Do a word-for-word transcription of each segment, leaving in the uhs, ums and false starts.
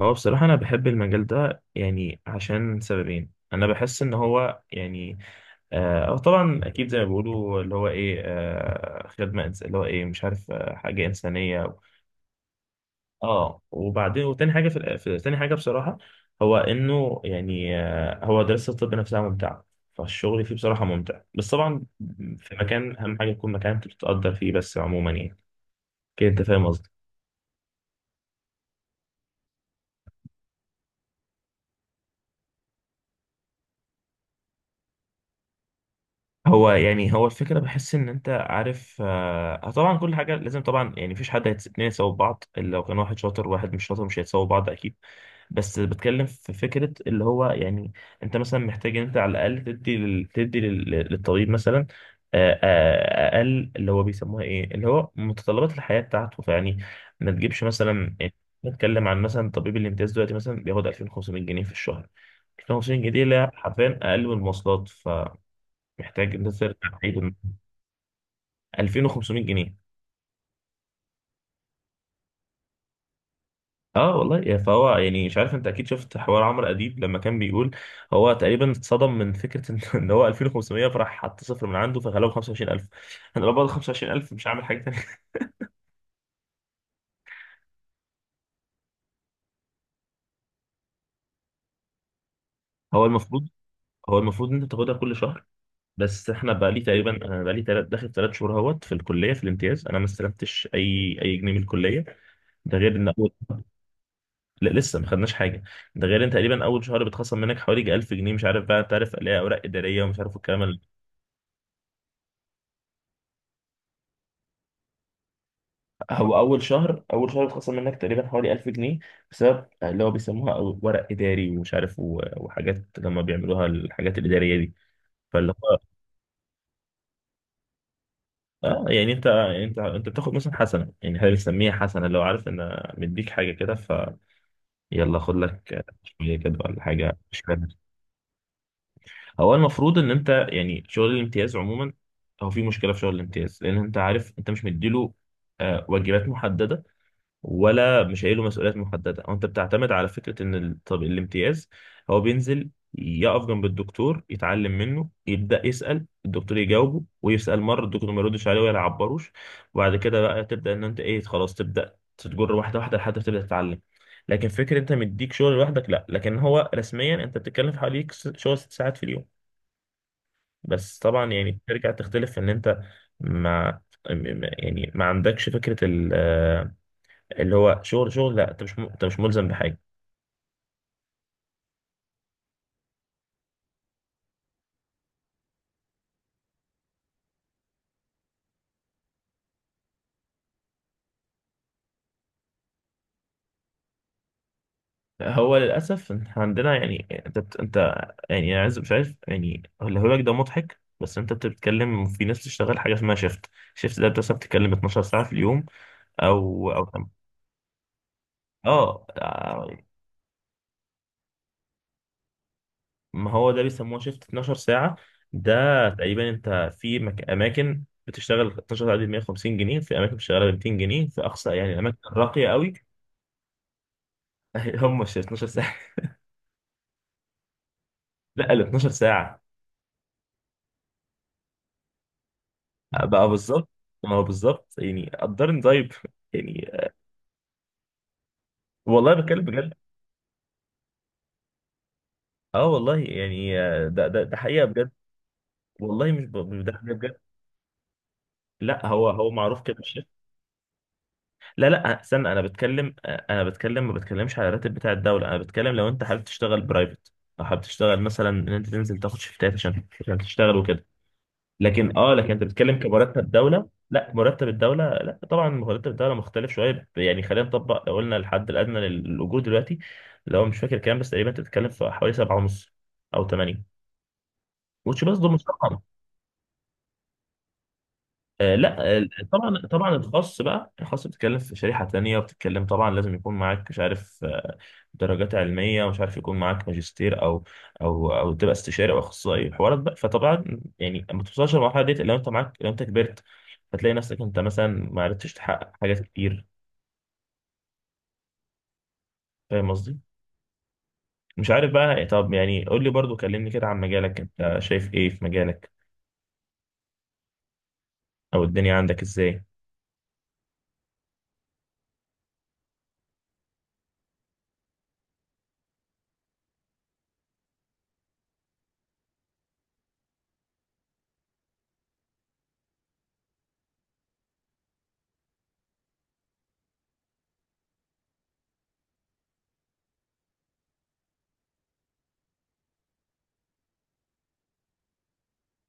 هو بصراحة أنا بحب المجال ده، يعني عشان سببين. أنا بحس إن هو يعني، آه أو طبعا أكيد زي ما بيقولوا اللي هو إيه، آه خدمة إنس- اللي هو إيه، مش عارف، آه حاجة إنسانية. آه وبعدين وتاني حاجة في, الآ- في تاني حاجة بصراحة، هو إنه يعني آه هو دراسة الطب نفسها ممتعة. فالشغل فيه بصراحة ممتع، بس طبعا في مكان، أهم حاجة يكون مكان أنت بتتقدر فيه. بس عموما يعني كده أنت فاهم قصدي. هو يعني هو الفكرة، بحس إن أنت عارف، آه آه، طبعا كل حاجة لازم. طبعا يعني مفيش حد هيتس- اتنين يساووا بعض، لو كان واحد شاطر وواحد مش شاطر مش هيتساووا بعض أكيد. بس بتكلم في فكرة اللي هو يعني، أنت مثلا محتاج إن أنت على الأقل تدي لل... تدي لل... للطبيب مثلا، آه، آه، أقل اللي هو بيسموها إيه، اللي هو متطلبات الحياة بتاعته. فيعني ما تجيبش مثلا يعني، نتكلم عن مثلا طبيب الامتياز دلوقتي مثلا بياخد ألفين وخمسمية جنيه في الشهر. ألفين وخمس مئة جنيه دي، لا، حرفيا أقل من المواصلات. محتاج لسه ارجع بعيد، إن ألفين وخمسمية جنيه. اه والله يا- فهو يعني، مش عارف، انت اكيد شفت حوار عمرو اديب لما كان بيقول، هو تقريبا اتصدم من فكره ان إن هو ألفين وخمسمية، فراح حط صفر من عنده فخلاه خمسة وعشرين ألف. انا لو باخد خمسة وعشرين ألف مش هعمل حاجه تانيه. هو المفروض، هو المفروض ان انت تاخدها كل شهر. بس احنا بقى لي تقريبا، انا بقى لي تلات داخل ثلاث شهور اهوت في الكليه، في الامتياز، انا ما استلمتش اي اي جنيه من الكليه. ده غير ان اول. لا، لسه ما خدناش حاجه. ده غير ان تقريبا اول شهر بتخصم منك حوالي ألف جنيه، مش عارف بقى، تعرف، الاقي اوراق اداريه ومش عارف، الكلام ال- هو اول شهر اول شهر بتخصم منك تقريبا حوالي ألف جنيه، بسبب اللي هو بيسموها أو- ورق اداري ومش عارف و- وحاجات لما بيعملوها الحاجات الاداريه دي، فاللي هو. اه يعني انت، يعني انت انت بتاخد مثلا حسنه، يعني احنا بنسميها حسنه، لو عارف ان مديك حاجه كده، فيلا خد لك شويه كده ولا حاجه، مش فاهم. هو المفروض ان انت يعني شغل الامتياز عموما. هو في مشكله في شغل الامتياز، لان انت عارف انت مش مديله آه، واجبات محدده، ولا مش قايله مسؤوليات محدده، او انت بتعتمد على فكره ان ال- طب الامتياز هو بينزل يقف جنب الدكتور، يتعلم منه، يبدا يسال الدكتور، يجاوبه، ويسال مره الدكتور ما يردش عليه ولا يعبروش. وبعد كده بقى تبدا ان انت ايه، خلاص، تبدا تتجر واحده واحده لحد ما تبدا تتعلم. لكن فكره انت مديك شغل لوحدك، لا. لكن هو رسميا انت بتتكلم في حوالي س- شغل ست ساعات في اليوم. بس طبعا يعني ترجع تختلف ان انت ما م- يعني ما عندكش فكرة ال- آه، اللي هو شغل شغل، لا انت مش م- انت مش ملزم بحاجة. هو للأسف إن إحنا عندنا، يعني انت بت- انت، يعني أنا عايز مش عارف، يعني الهلاك ده مضحك، بس انت بت- بتتكلم في ناس بتشتغل حاجة اسمها شيفت. شيفت ده بتبقى بتتكلم اتناشر ساعة في اليوم، او او. اه، ما هو ده بيسموه شيفت اتناشر ساعة ده. تقريبا انت في مك... اماكن بتشتغل اتناشر ساعة ب مئة وخمسين جنيه، في اماكن بتشتغل ب ميتين جنيه في اقصى يعني الاماكن الراقية قوي. هم مش اتناشر ساعة. لا، ال اتناشر ساعة. بقى بالظبط. ما هو بالظبط، يعني قدرني طيب يعني. والله بتكلم بجد. اه والله يعني، آه، ده ده ده حقيقة بجد. والله مش ب... مش ده حقيقة بجد. لا، هو هو معروف كده. لا، لا، استنى، انا بتكلم انا بتكلم، ما بتكلمش على الراتب بتاع الدوله، انا بتكلم لو انت حابب تشتغل برايفت، او حابب تشتغل مثلا ان انت تنزل تاخد شيفتات عشان عشان تشتغل وكده. لكن اه لكن انت بتتكلم كمرتب دوله، لا مرتب الدوله، لا طبعا مرتب الدوله مختلف شويه. يعني خلينا نطبق، لو قلنا الحد الادنى للاجور دلوقتي، لو مش فاكر كام، بس تقريبا انت بتتكلم في حوالي سبعة ونص او تمانية، which برضه مش رقم. آه، لا آه، طبعا طبعا. الخاص بقى الخاص بتتكلم في شريحة تانية، بتتكلم طبعا لازم يكون معاك، مش عارف آه، درجات علمية ومش عارف، يكون معاك ماجستير او او او تبقى استشاري او اخصائي حوارات بقى. فطبعا يعني ما توصلش للمرحلة دي، لو انت معاك لو انت كبرت، فتلاقي نفسك انت مثلا ما عرفتش تحقق حاجات كتير. فاهم قصدي؟ مش عارف بقى. طب يعني قول لي برضو، كلمني كده عن مجالك. انت شايف ايه في مجالك او الدنيا عندك ازاي؟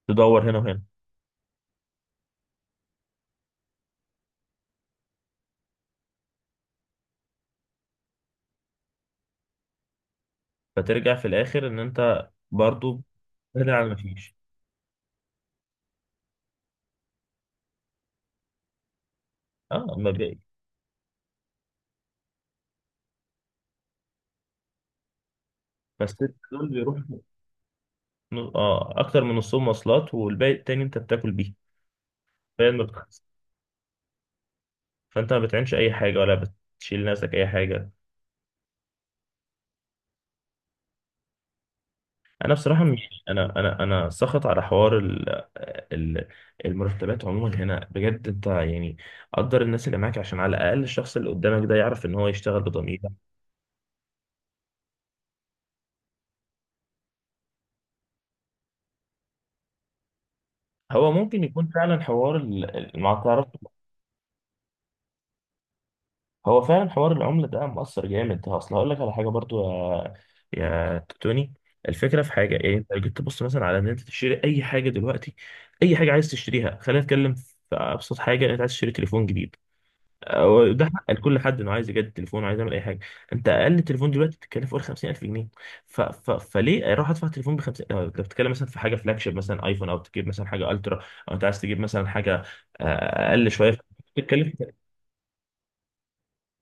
تدور هنا وهنا. فترجع في الاخر ان انت برضو، بدل على ما فيش. اه مبدئي. فالست دول بيروحوا، اه، اكتر من نصهم مواصلات والباقي التاني انت بتاكل بيه. فهي المتخصص، فانت ما بتعينش اي حاجه ولا بتشيل نفسك اي حاجه. انا بصراحه، مش، انا انا انا سخط على حوار ال... ال... المرتبات عموما هنا بجد. انت يعني قدر الناس اللي معاك، عشان على الاقل الشخص اللي قدامك ده يعرف ان هو يشتغل بضمير. هو ممكن يكون فعلا حوار ال... ال- ما تعرف. هو فعلا حوار العملة ده مؤثر جامد. اصل هقول لك على حاجة برضو، يا يا توني. الفكرة في حاجة، يعني انت لو جيت تبص مثلا على ان انت تشتري اي حاجة دلوقتي. اي حاجة عايز تشتريها، خلينا نتكلم في ابسط حاجة، انت عايز تشتري تليفون جديد. أو ده حق لكل حد انه عايز يجدد تليفون، عايز يعمل اي حاجة. انت اقل تليفون دلوقتي بتتكلم فوق ال خمسين ألف جنيه. ف... ف... فليه اروح ادفع تليفون ب خمسين؟ لو انت بتتكلم مثلا في حاجة فلاج شيب مثلا ايفون، او تجيب مثلا حاجة الترا، او انت عايز تجيب مثلا حاجة آه، اقل شوية. بتتكلم،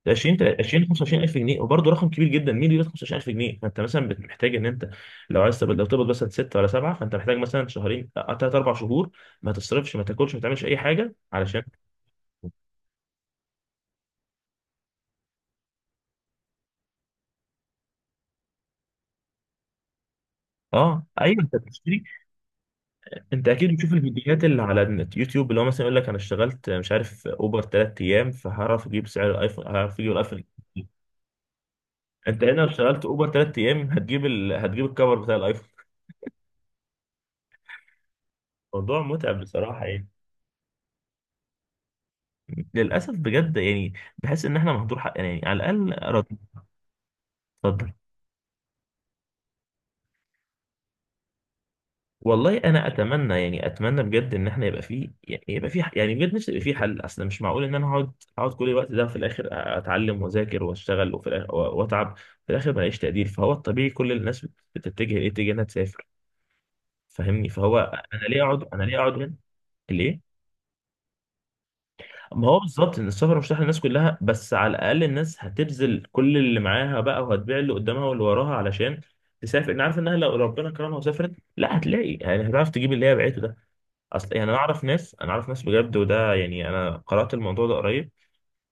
ده عشرين تل- عشرين خمسة وعشرين ألف جنيه. وبرضه رقم كبير جدا، مين اللي يقبض خمسة وعشرين ألف جنيه؟ فانت مثلا بت- محتاج ان انت لو عايز تقبض لو تقبض مثلا ستة ولا سبعة، فانت محتاج مثلا شهرين، تلاتة، أربعة شهور، ما تصرفش ما تاكلش ما تعملش اي حاجه علشان. اه ايوه، انت بتشتري. انت اكيد بتشوف الفيديوهات اللي على النت، يوتيوب، اللي هو مثلا يقول لك انا اشتغلت مش عارف اوبر ثلاثة ايام فهعرف اجيب سعر الايفون، هعرف اجيب الايفون. انت هنا لو اشتغلت اوبر ثلاثة ايام هتجيب ال... هتجيب الكفر بتاع الايفون. موضوع متعب بصراحه يعني. للاسف بجد يعني. بحس ان احنا مهدور حقنا، يعني على الاقل. رد. اتفضل. والله انا اتمنى، يعني اتمنى بجد، ان احنا يبقى فيه، يعني يبقى فيه، يعني بجد نفسي يبقى فيه حل. اصل مش معقول ان انا اقعد، اقعد كل الوقت ده، في الاخر اتعلم واذاكر واشتغل، وفي الاخر واتعب، في الاخر ما الاقيش تقدير. فهو الطبيعي كل الناس بتتجه لايه؟ تتجه انها تسافر. فاهمني؟ فهو، انا ليه اقعد انا ليه اقعد هنا؟ ليه؟ ما هو بالظبط ان السفر مش رايح للناس كلها. بس على الاقل الناس هتبذل كل اللي معاها بقى، وهتبيع اللي قدامها واللي وراها علشان تسافر. انا عارف انها لو ربنا كرمها وسافرت، لا، هتلاقي يعني، هتعرف تجيب اللي هي بعته ده. اصل يعني، انا اعرف ناس انا اعرف ناس بجد، وده يعني انا قرات الموضوع ده قريب،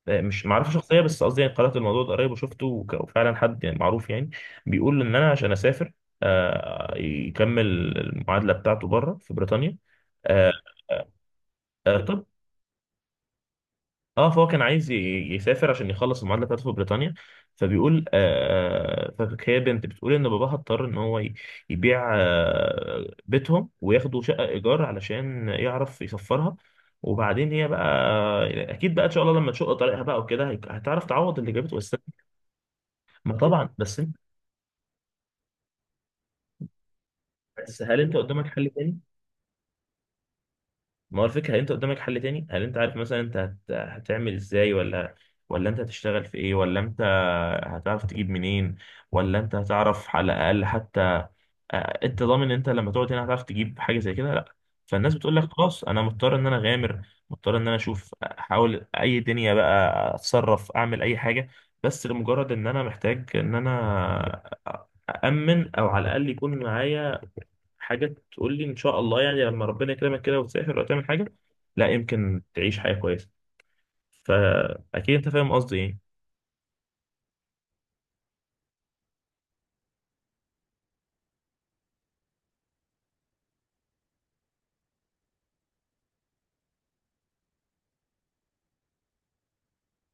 آه، مش معرفه شخصيه بس قصدي يعني قرات الموضوع ده قريب وشفته، وك- وفعلا حد يعني معروف يعني بيقول، ان انا عشان اسافر، آه، يكمل المعادله بتاعته بره في بريطانيا. آه، آه، طب. اه فهو كان عايز ي- يسافر عشان يخلص المعادله بتاعته في بريطانيا. فبيقول آه فهي بنت بتقول ان باباها اضطر ان هو ي- يبيع آه بيتهم وياخدوا شقه ايجار علشان يعرف يسفرها. وبعدين هي بقى، اكيد بقى ان شاء الله لما تشق طريقها بقى وكده، هيك- هتعرف تعوض اللي جابته بس. ما طبعا، بس انت بس هل انت قدامك حل تاني؟ ما هو الفكرة، هل انت قدامك حل تاني؟ هل انت عارف مثلا انت هت... هتعمل ازاي؟ ولا ولا انت هتشتغل في ايه؟ ولا انت هتعرف تجيب منين؟ ولا انت هتعرف على الاقل حتى، آه، انت ضامن انت لما تقعد هنا هتعرف تجيب حاجة زي كده؟ لا. فالناس بتقول لك خلاص انا مضطر ان انا اغامر، مضطر ان انا اشوف، احاول اي دنيا بقى، اتصرف، اعمل اي حاجة. بس لمجرد ان انا محتاج ان انا أأمن، او على الاقل يكون معايا حاجة تقول لي إن شاء الله يعني لما ربنا يكرمك كده وتسافر أو تعمل حاجة، لا يمكن تعيش حياة كويسة. فأكيد أنت فاهم قصدي إيه.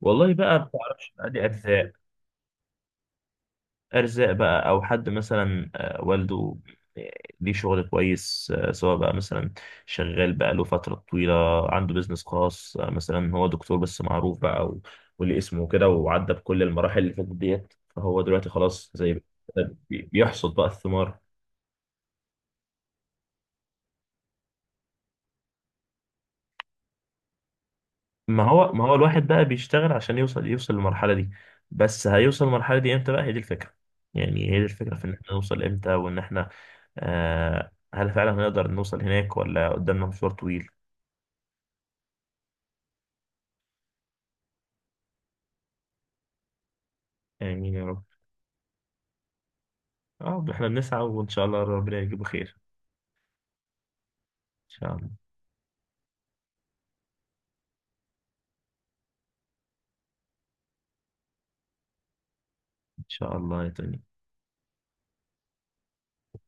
والله بقى ما بعرفش، أدي أرزاق، أرزاق بقى، أو حد مثلا آه، والده آه، ليه شغل كويس آه، سواء بقى مثلا شغال بقى له فترة طويلة، عنده بيزنس خاص آه، مثلا هو دكتور بس معروف بقى و- واللي اسمه كده، وعدى بكل المراحل اللي فاتت ديت. فهو دلوقتي خلاص، زي، بي- بيحصد بقى الثمار. ما هو ما هو الواحد بقى بيشتغل عشان يوصل يوصل للمرحلة دي. بس هيوصل للمرحلة دي امتى بقى؟ هي دي الفكرة. يعني هي دي الفكرة، في ان احنا نوصل امتى، وان احنا، آه هل فعلا هنقدر نوصل هناك ولا قدامنا مشوار طويل؟ آمين يا رب. اه احنا بنسعى وان شاء الله ربنا يجيبه خير. ان شاء الله. ان شاء الله يا توني.